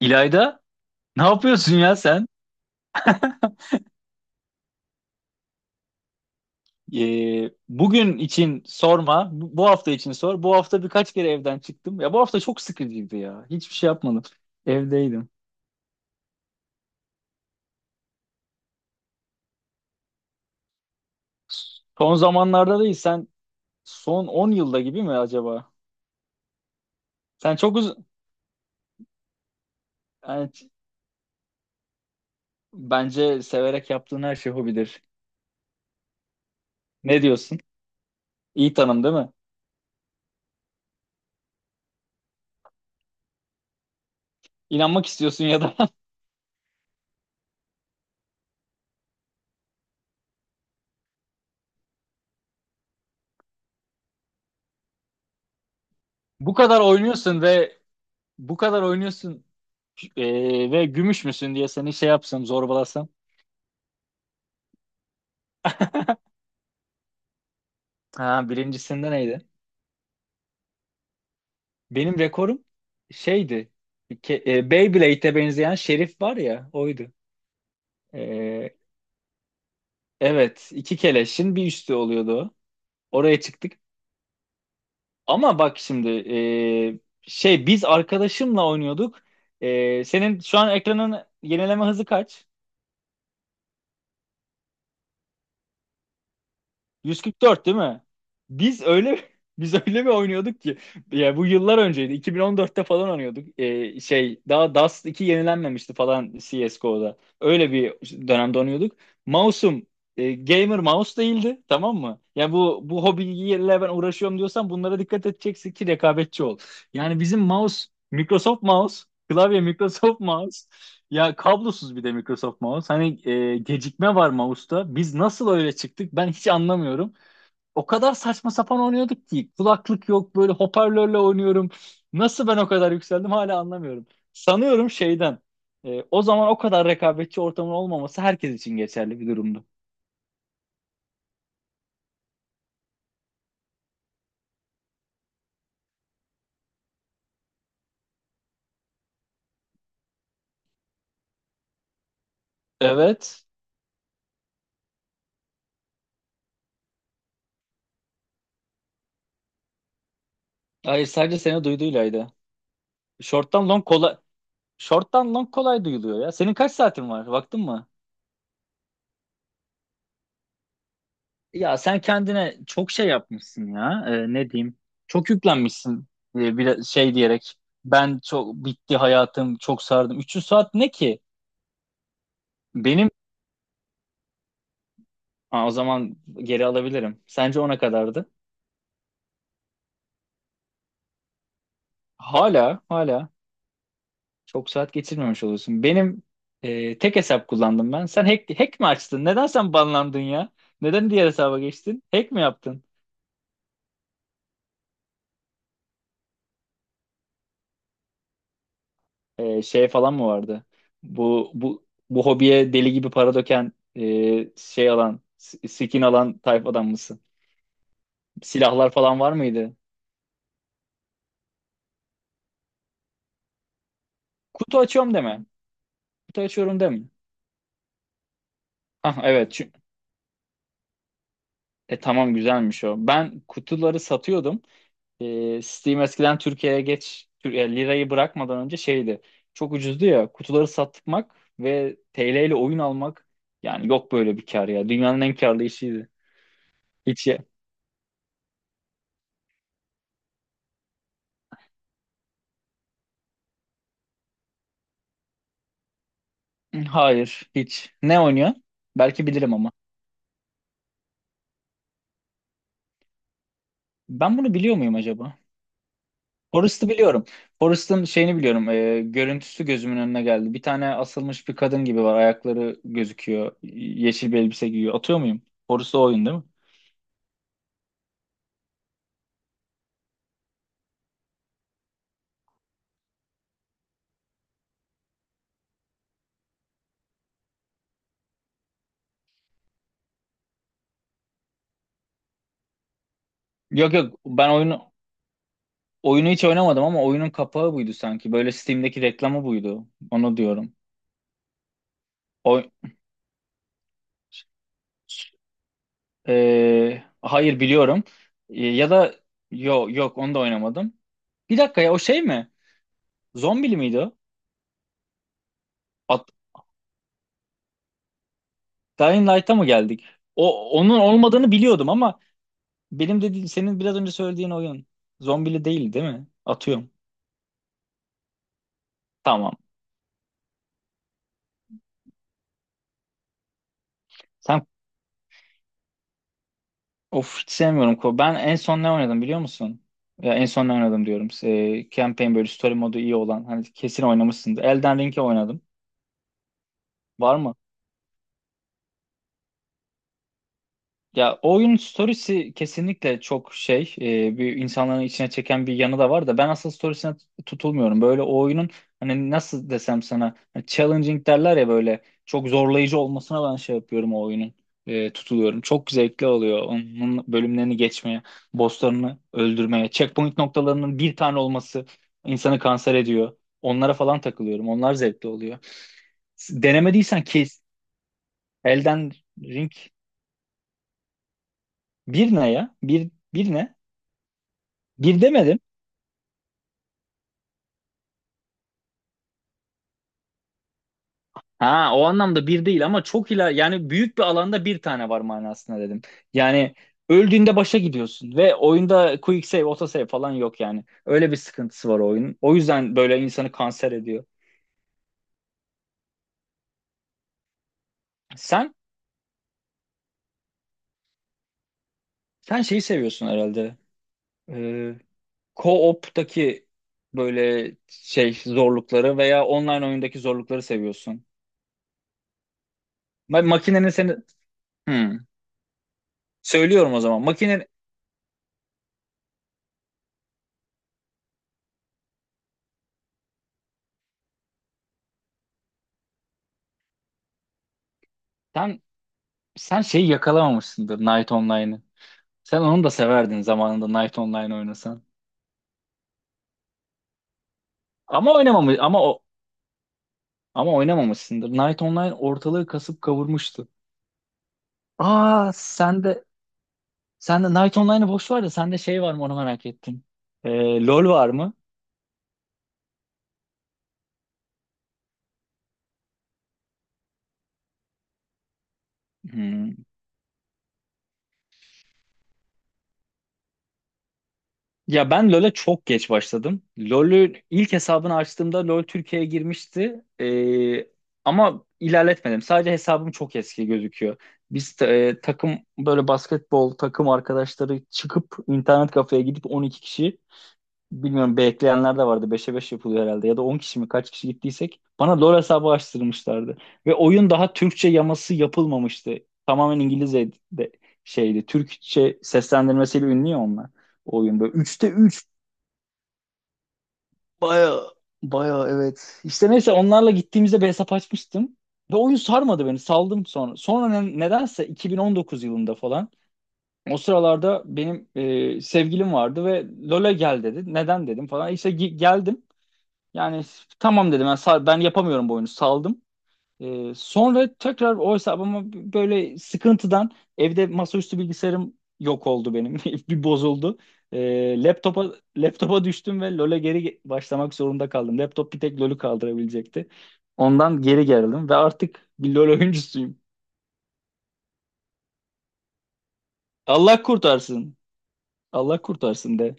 İlayda, ne yapıyorsun ya sen? Bugün için sorma, bu hafta için sor. Bu hafta birkaç kere evden çıktım. Ya bu hafta çok sıkıcıydı ya. Hiçbir şey yapmadım. Evdeydim. Son zamanlarda değil, sen son 10 yılda gibi mi acaba? Sen çok uzun... Yani, bence severek yaptığın her şey hobidir. Ne diyorsun? İyi tanım değil mi? İnanmak istiyorsun ya da bu kadar oynuyorsun ve bu kadar oynuyorsun ve gümüş müsün diye seni şey yapsam, zorbalasam. Ha, birincisinde neydi? Benim rekorum şeydi. Beyblade'e benzeyen şerif var ya oydu. E, evet iki keleşin bir üstü oluyordu o. Oraya çıktık. Ama bak şimdi şey biz arkadaşımla oynuyorduk. E, senin şu an ekranın yenileme hızı kaç? 144 değil mi? Biz öyle biz öyle mi oynuyorduk ki? Ya bu yıllar önceydi. 2014'te falan oynuyorduk. Şey daha Dust 2 yenilenmemişti falan CS:GO'da. Öyle bir dönemde oynuyorduk. Mouse'um gamer mouse değildi, tamam mı? Ya bu hobiyle ben uğraşıyorum diyorsan bunlara dikkat edeceksin ki rekabetçi ol. Yani bizim mouse Microsoft mouse, klavye Microsoft mouse. Ya kablosuz bir de Microsoft mouse. Hani gecikme var mouse'ta. Biz nasıl öyle çıktık ben hiç anlamıyorum. O kadar saçma sapan oynuyorduk ki. Kulaklık yok böyle hoparlörle oynuyorum. Nasıl ben o kadar yükseldim hala anlamıyorum. Sanıyorum şeyden. O zaman o kadar rekabetçi ortamın olmaması herkes için geçerli bir durumdu. Evet. Hayır sadece seni duyduğuylaydı. Short'tan long kolay. Short'tan long kolay duyuluyor ya. Senin kaç saatin var? Baktın mı? Ya sen kendine çok şey yapmışsın ya. Ne diyeyim? Çok yüklenmişsin bir şey diyerek. Ben çok bitti hayatım, çok sardım. 300 saat ne ki? Benim Aa, o zaman geri alabilirim. Sence ona kadardı? Hala, hala çok saat geçirmemiş oluyorsun. Benim tek hesap kullandım ben. Sen hack mi açtın? Neden sen banlandın ya? Neden diğer hesaba geçtin? Hack mi yaptın? Şey falan mı vardı? Bu hobiye deli gibi para döken şey alan, skin alan tayfadan mısın? Silahlar falan var mıydı? Kutu açıyorum deme. Kutu açıyorum deme. Ah evet. Tamam güzelmiş o. Ben kutuları satıyordum. Steam eskiden Türkiye'ye geç lirayı bırakmadan önce şeydi. Çok ucuzdu ya. Kutuları satmak ve TL ile oyun almak yani yok böyle bir kar ya. Dünyanın en karlı işiydi. Hiç Hayır, hiç. Ne oynuyor? Belki bilirim ama. Ben bunu biliyor muyum acaba? Forrest'ı biliyorum. Forrest'ın şeyini biliyorum. Görüntüsü gözümün önüne geldi. Bir tane asılmış bir kadın gibi var. Ayakları gözüküyor. Yeşil bir elbise giyiyor. Atıyor muyum? Forrest o oyun değil mi? Yok yok. Ben oyunu hiç oynamadım ama oyunun kapağı buydu sanki. Böyle Steam'deki reklamı buydu. Onu diyorum. O, hayır biliyorum. E, ya da yok yok onu da oynamadım. Bir dakika ya o şey mi? Zombili miydi o? Dying Light'a mı geldik? O onun olmadığını biliyordum ama benim dediğim senin biraz önce söylediğin oyun zombili değil değil mi? Atıyorum. Tamam. Sen of hiç sevmiyorum. Ben en son ne oynadım biliyor musun? Ya en son ne oynadım diyorum. Campaign böyle story modu iyi olan. Hani kesin oynamışsındır. Elden Ring'i oynadım. Var mı? Ya o oyunun storiesi kesinlikle çok şey bir insanların içine çeken bir yanı da var da ben asıl storiesine tutulmuyorum. Böyle o oyunun hani nasıl desem sana hani challenging derler ya böyle çok zorlayıcı olmasına ben şey yapıyorum o oyunun tutuluyorum. Çok zevkli oluyor onun bölümlerini geçmeye, bosslarını öldürmeye, checkpoint noktalarının bir tane olması insanı kanser ediyor. Onlara falan takılıyorum. Onlar zevkli oluyor. Denemediysen kes. Elden Ring bir ne ya? Bir, bir ne? Bir demedim. Ha o anlamda bir değil ama çok iler yani büyük bir alanda bir tane var manasında dedim. Yani öldüğünde başa gidiyorsun ve oyunda quick save, auto save falan yok yani. Öyle bir sıkıntısı var oyunun. O yüzden böyle insanı kanser ediyor. Sen sen şeyi seviyorsun herhalde. Ee, Co-op'taki böyle şey zorlukları veya online oyundaki zorlukları seviyorsun. Makinenin seni Hmm. Söylüyorum o zaman. Makinen sen sen şeyi yakalamamışsındır Night Online'ı. Sen onu da severdin zamanında Night Online oynasan. Ama oynamamış ama o ama oynamamışsındır. Night Online ortalığı kasıp kavurmuştu. Aa sen de Sen de Night Online'ı boş ver de sende şey var mı onu merak ettim. LoL var mı? Hmm. Ya ben LoL'e çok geç başladım. LoL'ü ilk hesabını açtığımda LoL Türkiye'ye girmişti. Ama ilerletmedim. Sadece hesabım çok eski gözüküyor. Biz takım böyle basketbol takım arkadaşları çıkıp internet kafeye gidip 12 kişi Bilmiyorum bekleyenler de vardı. Beşe 5 yapılıyor herhalde. Ya da 10 kişi mi kaç kişi gittiysek bana LoL hesabı açtırmışlardı. Ve oyun daha Türkçe yaması yapılmamıştı. Tamamen İngilizce de şeydi. Türkçe seslendirmesiyle ünlü ya onlar. O oyun böyle üçte 3 baya baya evet. İşte neyse onlarla gittiğimizde bir hesap açmıştım. Ve oyun sarmadı beni. Saldım sonra. Sonra nedense 2019 yılında falan o sıralarda benim sevgilim vardı ve LoL'e gel dedi. Neden dedim falan. İşte geldim. Yani tamam dedim ben, ben yapamıyorum bu oyunu saldım. Sonra tekrar o hesabıma böyle sıkıntıdan evde masaüstü bilgisayarım yok oldu benim. Bir bozuldu. Laptopa düştüm ve LoL'e başlamak zorunda kaldım. Laptop bir tek LoL'ü kaldırabilecekti. Ondan geri geldim ve artık bir LoL oyuncusuyum. Allah kurtarsın. Allah kurtarsın de.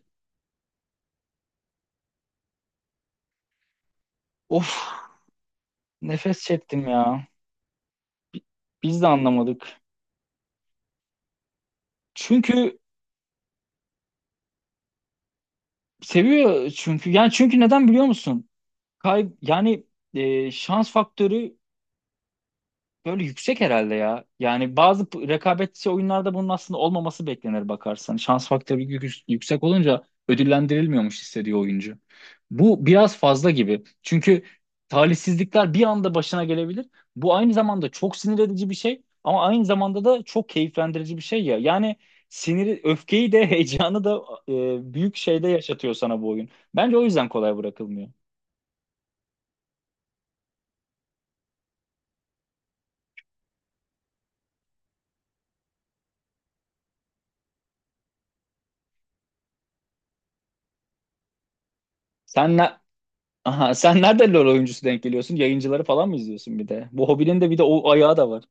Of, nefes çektim ya. Biz de anlamadık. Çünkü seviyor çünkü. Yani çünkü neden biliyor musun? Yani şans faktörü böyle yüksek herhalde ya. Yani bazı rekabetçi oyunlarda bunun aslında olmaması beklenir bakarsan. Şans faktörü yüksek olunca ödüllendirilmiyormuş hissediyor oyuncu. Bu biraz fazla gibi. Çünkü talihsizlikler bir anda başına gelebilir. Bu aynı zamanda çok sinir edici bir şey ama aynı zamanda da çok keyiflendirici bir şey ya. Yani siniri, öfkeyi de heyecanı da büyük şeyde yaşatıyor sana bu oyun. Bence o yüzden kolay bırakılmıyor. Sen ne- Aha sen nerede LoL oyuncusu denk geliyorsun? Yayıncıları falan mı izliyorsun bir de? Bu hobinin de bir de o ayağı da var.